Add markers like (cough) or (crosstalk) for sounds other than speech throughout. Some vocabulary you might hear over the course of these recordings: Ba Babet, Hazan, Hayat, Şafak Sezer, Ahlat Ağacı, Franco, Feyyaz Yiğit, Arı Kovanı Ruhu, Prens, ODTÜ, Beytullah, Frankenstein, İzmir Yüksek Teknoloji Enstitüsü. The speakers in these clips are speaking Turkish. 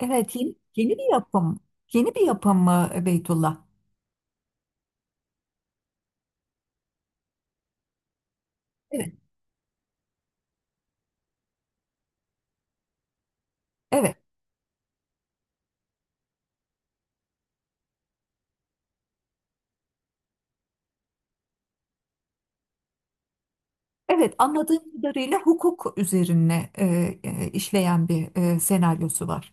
Evet, yeni bir yapım. Yeni bir yapım mı Beytullah? Evet, evet. Evet, anladığım kadarıyla hukuk üzerine işleyen bir senaryosu var.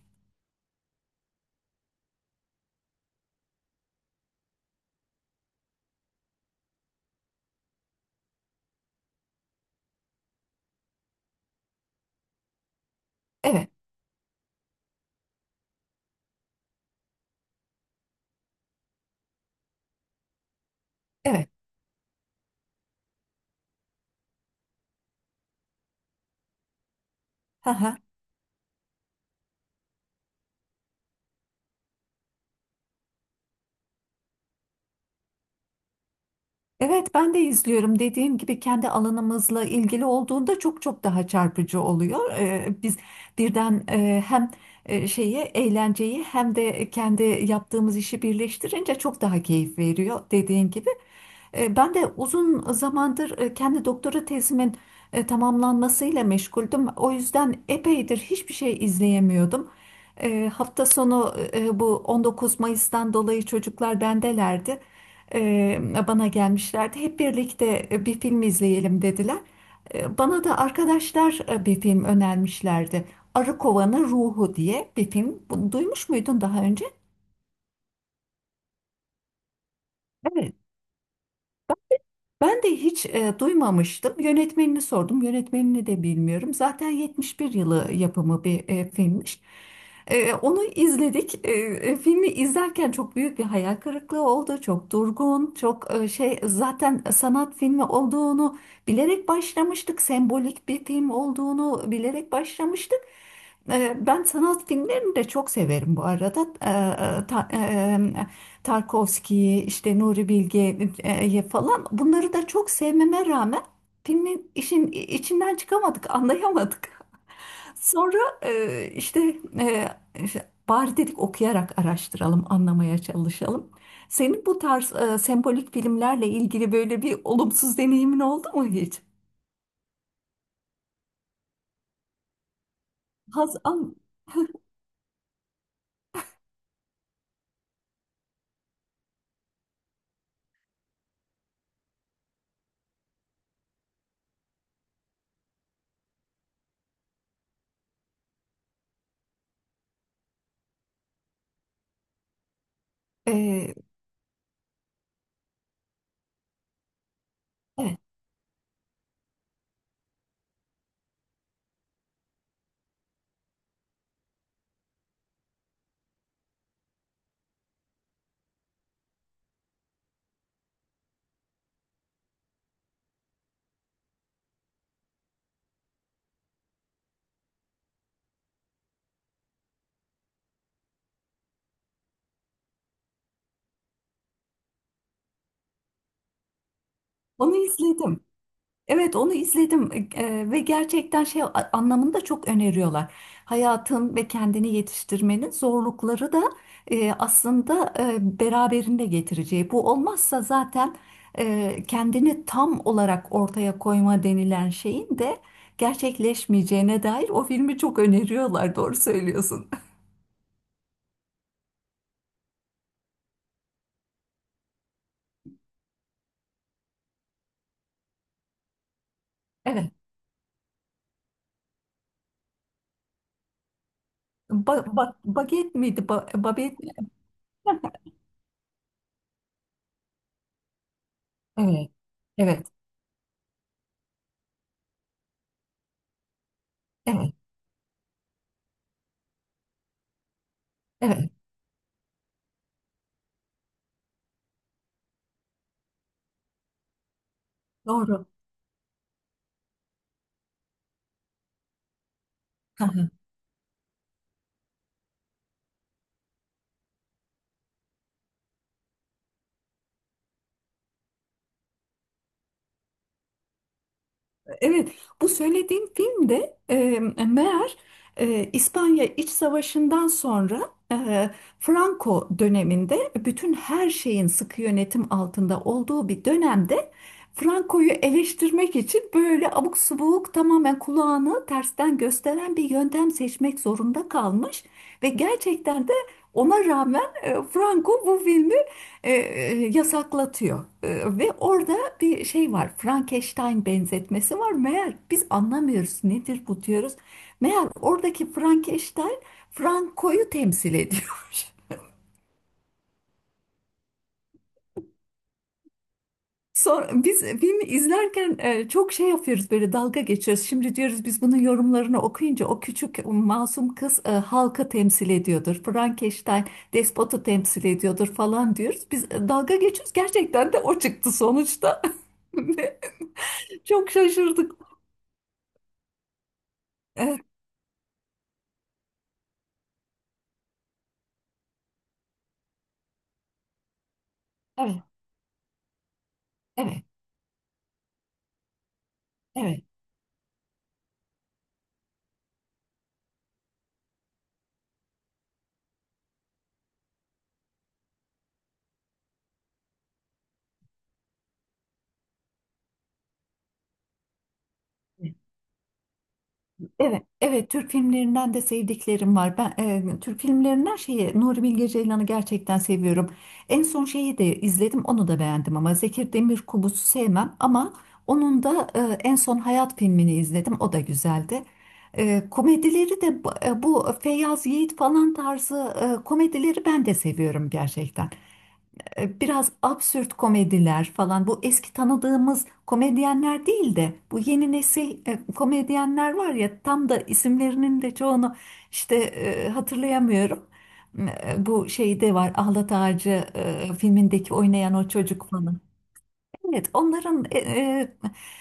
Evet, evet. (laughs) Evet, ben de izliyorum. Dediğim gibi kendi alanımızla ilgili olduğunda çok çok daha çarpıcı oluyor. Biz birden hem şeyi eğlenceyi hem de kendi yaptığımız işi birleştirince çok daha keyif veriyor dediğin gibi. Ben de uzun zamandır kendi doktora tezimin tamamlanmasıyla meşguldüm. O yüzden epeydir hiçbir şey izleyemiyordum. Hafta sonu bu 19 Mayıs'tan dolayı çocuklar bendelerdi e, bana gelmişlerdi. Hep birlikte bir film izleyelim dediler. Bana da arkadaşlar bir film önermişlerdi. Arı Kovanı Ruhu diye bir film. Bunu duymuş muydun daha önce? Evet. Ben de hiç duymamıştım. Yönetmenini sordum. Yönetmenini de bilmiyorum. Zaten 71 yılı yapımı bir filmmiş. Onu izledik. Filmi izlerken çok büyük bir hayal kırıklığı oldu. Çok durgun, çok şey zaten sanat filmi olduğunu bilerek başlamıştık. Sembolik bir film olduğunu bilerek başlamıştık. Ben sanat filmlerini de çok severim bu arada. E, ta- e, Tarkovski'yi, işte Nuri Bilge'yi falan bunları da çok sevmeme rağmen filmin işin içinden çıkamadık, anlayamadık. (laughs) Sonra işte, işte bari dedik okuyarak araştıralım, anlamaya çalışalım. Senin bu tarz sembolik filmlerle ilgili böyle bir olumsuz deneyimin oldu mu hiç? Hazan, e, evet, onu izledim. Evet, onu izledim. Ve gerçekten şey anlamında çok öneriyorlar. Hayatın ve kendini yetiştirmenin zorlukları da aslında beraberinde getireceği. Bu olmazsa zaten kendini tam olarak ortaya koyma denilen şeyin de gerçekleşmeyeceğine dair o filmi çok öneriyorlar. Doğru söylüyorsun. (laughs) Evet. Ba ba Baget miydi? Babet. (laughs) Evet. Evet. Evet. Evet. Doğru. Evet, bu söylediğim film de meğer İspanya İç Savaşı'ndan sonra e, Franco döneminde bütün her şeyin sıkı yönetim altında olduğu bir dönemde Franco'yu eleştirmek için böyle abuk subuk tamamen kulağını tersten gösteren bir yöntem seçmek zorunda kalmış ve gerçekten de ona rağmen Franco bu filmi yasaklatıyor. Ve orada bir şey var. Frankenstein benzetmesi var. Meğer biz anlamıyoruz nedir bu diyoruz. Meğer oradaki Frankenstein Franco'yu temsil ediyormuş. (laughs) Sonra biz filmi izlerken çok şey yapıyoruz böyle dalga geçiyoruz. Şimdi diyoruz biz bunun yorumlarını okuyunca o küçük o masum kız halkı temsil ediyordur. Frankenstein despotu temsil ediyordur falan diyoruz. Biz dalga geçiyoruz. Gerçekten de o çıktı sonuçta. (laughs) Çok şaşırdık. Evet, evet, evet, evet. Evet, evet, Türk filmlerinden de sevdiklerim var. Ben Türk filmlerinden şeyi Nuri Bilge Ceylan'ı gerçekten seviyorum. En son şeyi de izledim, onu da beğendim ama Zeki Demirkubuz'u sevmem ama onun da en son Hayat filmini izledim. O da güzeldi. Komedileri de bu bu Feyyaz Yiğit falan tarzı komedileri ben de seviyorum gerçekten. E, biraz absürt komediler falan bu eski tanıdığımız komedyenler değil de bu yeni nesil komedyenler var ya tam da isimlerinin de çoğunu işte hatırlayamıyorum. Bu şeyde var Ahlat Ağacı filmindeki oynayan o çocuk falan. Evet, onların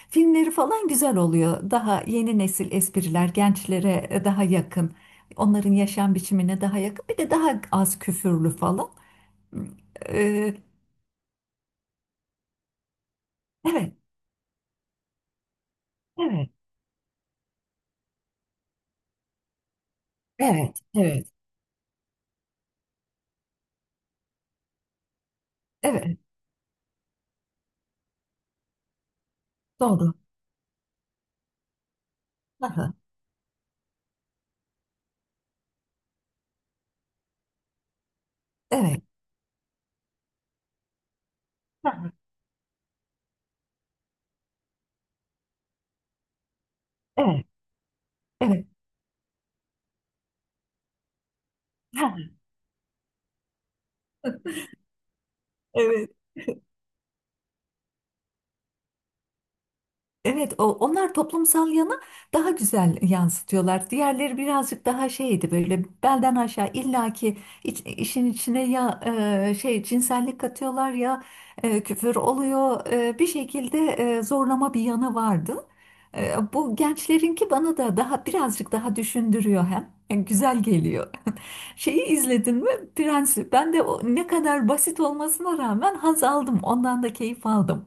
filmleri falan güzel oluyor. Daha yeni nesil espriler gençlere daha yakın. Onların yaşam biçimine daha yakın. Bir de daha az küfürlü falan. E, Evet. Evet, evet, evet, evet, doğru. Hı hı. Evet, hı hı, evet, evet, hı hı, evet, evet. O, onlar toplumsal yanı daha güzel yansıtıyorlar. Diğerleri birazcık daha şeydi böyle belden aşağı illaki işin içine ya şey cinsellik katıyorlar ya küfür oluyor. Bir şekilde zorlama bir yanı vardı. Bu gençlerinki bana da daha birazcık daha düşündürüyor hem. Yani güzel geliyor. Şeyi izledin mi? Prensi. Ben de o ne kadar basit olmasına rağmen haz aldım. Ondan da keyif aldım.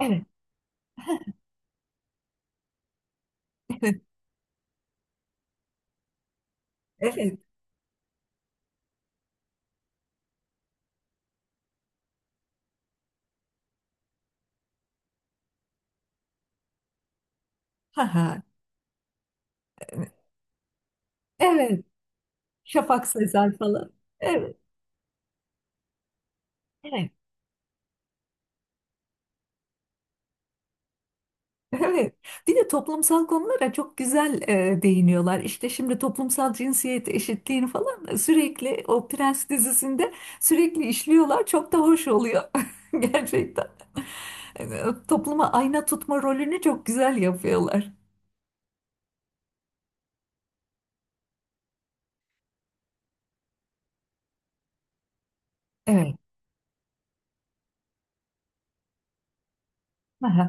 Evet, evet, evet. Ha ha. Evet. Şafak Sezer falan. Evet, evet. Evet. Bir de toplumsal konulara çok güzel değiniyorlar. İşte şimdi toplumsal cinsiyet eşitliğini falan sürekli o Prens dizisinde sürekli işliyorlar. Çok da hoş oluyor. (laughs) Gerçekten. Topluma ayna tutma rolünü çok güzel yapıyorlar. Evet. Ha ha.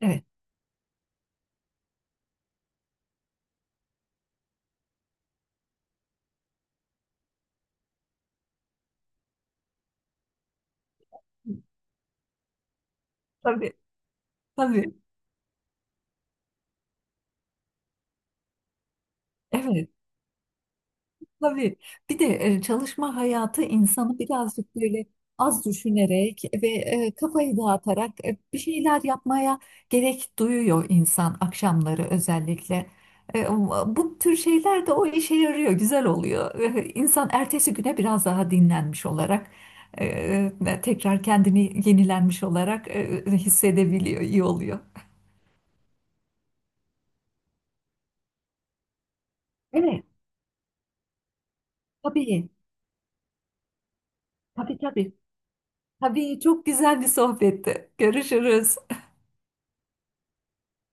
Evet. Tabii, tabii. Evet, tabii. Bir de çalışma hayatı insanı birazcık böyle az düşünerek ve kafayı dağıtarak bir şeyler yapmaya gerek duyuyor insan akşamları özellikle. E, Bu tür şeyler de o işe yarıyor, güzel oluyor. E, İnsan ertesi güne biraz daha dinlenmiş olarak, tekrar kendini yenilenmiş olarak hissedebiliyor, iyi oluyor. Evet, tabii. Tabii, tabii. Tabii çok güzel bir sohbetti. Görüşürüz.